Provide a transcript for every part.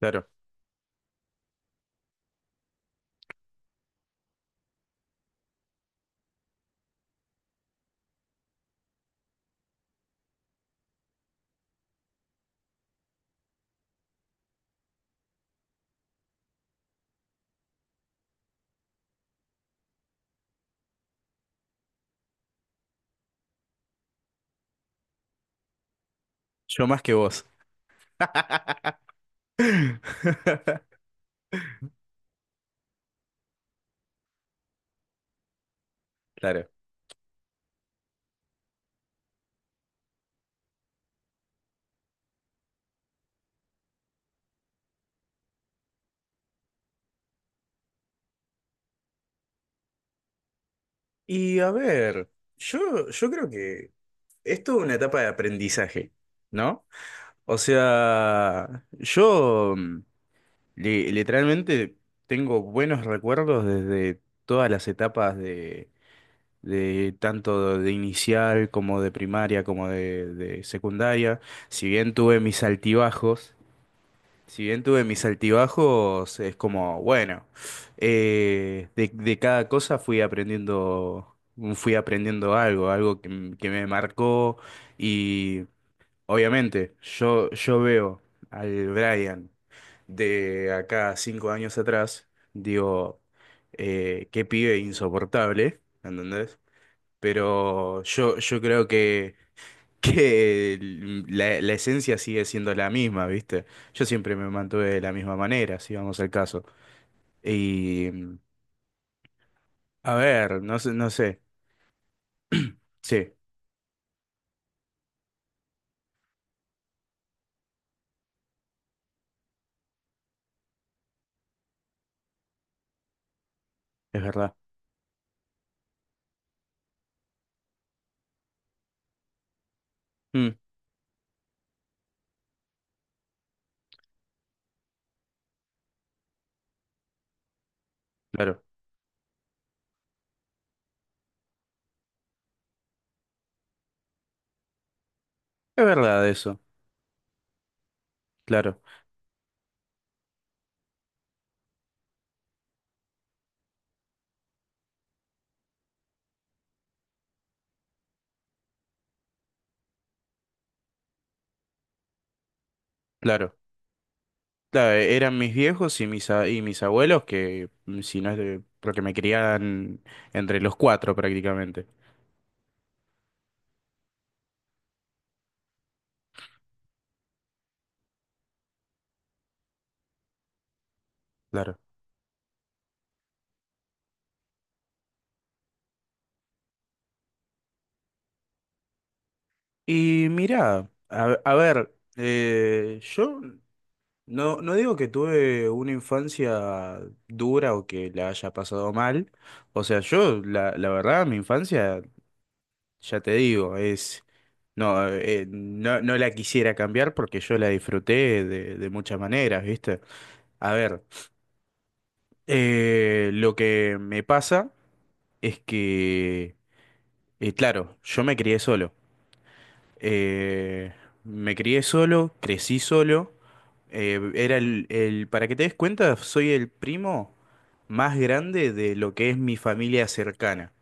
Claro, yo más que vos. Claro. Y a ver, yo creo que esto es toda una etapa de aprendizaje, ¿no? O sea, yo literalmente tengo buenos recuerdos desde todas las etapas de tanto de inicial como de primaria como de secundaria. Si bien tuve mis altibajos, Si bien tuve mis altibajos, es como, bueno, de cada cosa fui aprendiendo algo que me marcó y obviamente yo veo al Brian de acá 5 años atrás, digo, qué pibe insoportable, ¿entendés? Pero yo creo que que la esencia sigue siendo la misma, ¿viste? Yo siempre me mantuve de la misma manera, si vamos al caso. Y, a ver, no sé, no sé. Sí, es verdad. Mm, claro, es verdad eso. Claro, claro. Claro, eran mis viejos y mis abuelos que, si no es porque me criaban entre los cuatro prácticamente. Claro. Y mirá, a ver, yo no digo que tuve una infancia dura o que la haya pasado mal. O sea, la verdad, mi infancia, ya te digo, No, no la quisiera cambiar porque yo la disfruté de muchas maneras, ¿viste? A ver, lo que me pasa es que, claro, yo me crié solo. Eh, Me crié solo, crecí solo. Para que te des cuenta, soy el primo más grande de lo que es mi familia cercana,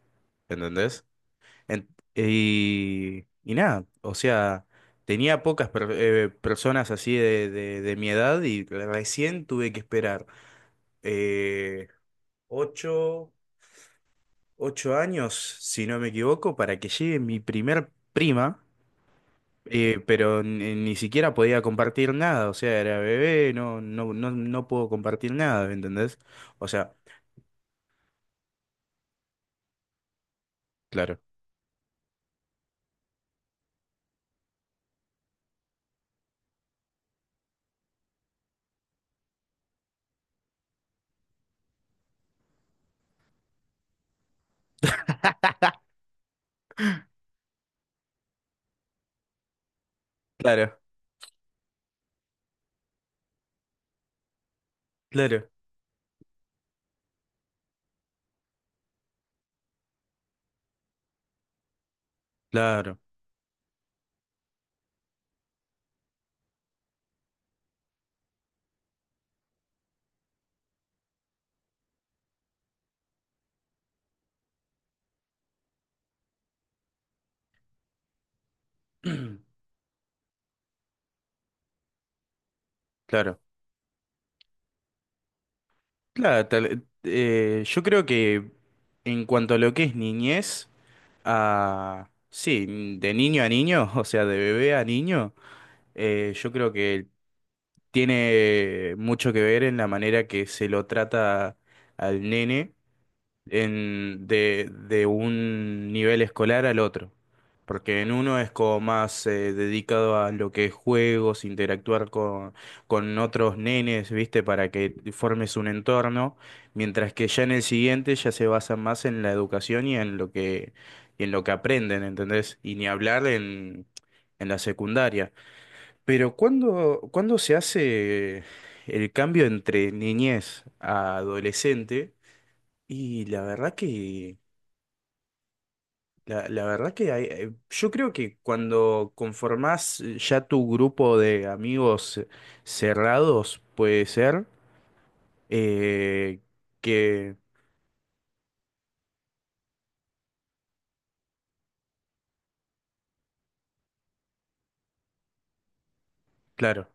¿entendés? En- y nada, o sea, tenía pocas personas así de mi edad y recién tuve que esperar eh, ocho, ocho años, si no me equivoco, para que llegue mi primer prima. Pero ni siquiera podía compartir nada, o sea, era bebé, no puedo compartir nada, ¿me entendés? O sea, claro, claro, claro, claro, claro, yo creo que en cuanto a lo que es niñez, sí, de niño a niño, o sea, de bebé a niño, yo creo que tiene mucho que ver en la manera que se lo trata al nene de un nivel escolar al otro. Porque en uno es como más dedicado a lo que es juegos, interactuar con otros nenes, ¿viste? Para que formes un entorno, mientras que ya en el siguiente ya se basa más en la educación y en lo que aprenden, ¿entendés? Y ni hablar en, la secundaria. Pero ¿cuándo se hace el cambio entre niñez a adolescente? Y la verdad que, la verdad que hay- yo creo que cuando conformás ya tu grupo de amigos cerrados, puede ser eh, que, claro,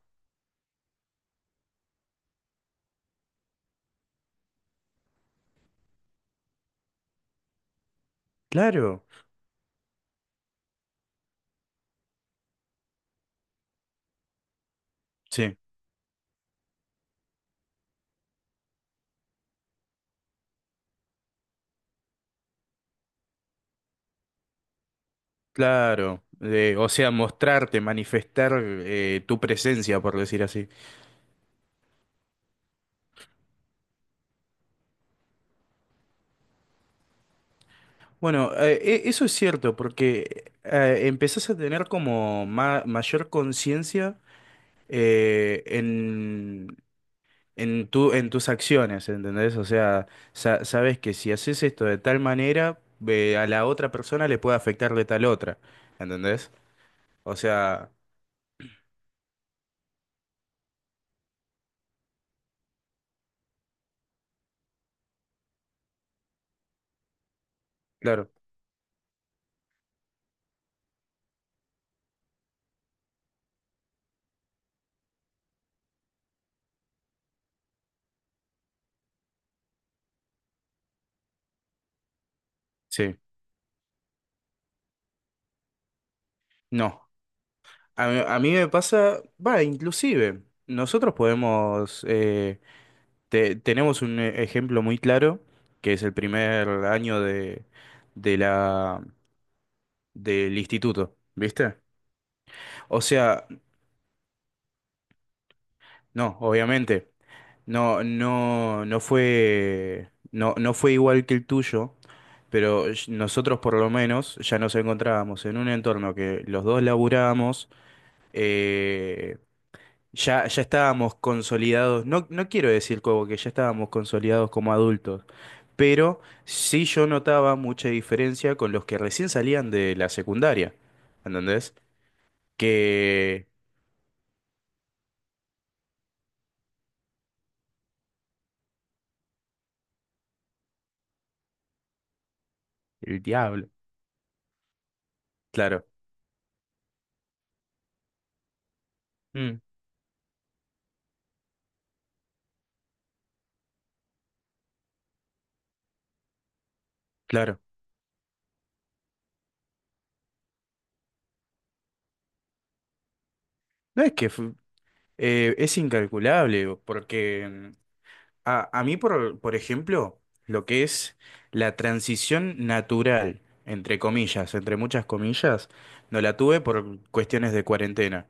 claro, sí, claro. O sea, mostrarte, manifestar tu presencia, por decir así. Bueno, eso es cierto, porque empezás a tener como mayor conciencia eh, en, en tus acciones, ¿entendés? O sea, sabes que si haces esto de tal manera, a la otra persona le puede afectar de tal otra, ¿entendés? O sea, claro, sí, no. A mí me pasa, va, inclusive, nosotros podemos, tenemos un ejemplo muy claro, que es el primer año de la, del instituto, ¿viste? O sea, no, obviamente. No fue igual que el tuyo, pero nosotros por lo menos ya nos encontrábamos en un entorno que los dos laburábamos, eh, ya estábamos consolidados, no quiero decir como que ya estábamos consolidados como adultos, pero sí yo notaba mucha diferencia con los que recién salían de la secundaria, ¿entendés? Que el diablo, claro, mm, claro. No es que fu- Es incalculable, porque a mí, por ejemplo, lo que es la transición natural, entre comillas, entre muchas comillas, no la tuve por cuestiones de cuarentena.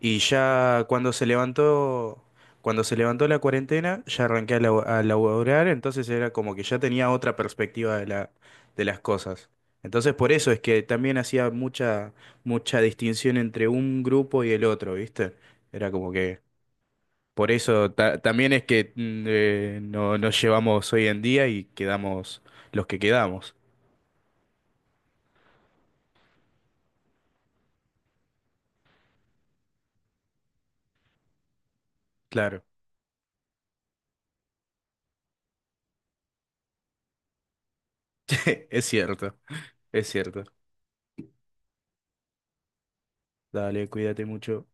Y ya cuando se levantó la cuarentena, ya arranqué a laborar, entonces era como que ya tenía otra perspectiva de las cosas. Entonces por eso es que también hacía mucha, mucha distinción entre un grupo y el otro, ¿viste? Era como que por eso también es que no nos llevamos hoy en día y quedamos los que quedamos. Claro, es cierto, es cierto. Dale, cuídate mucho.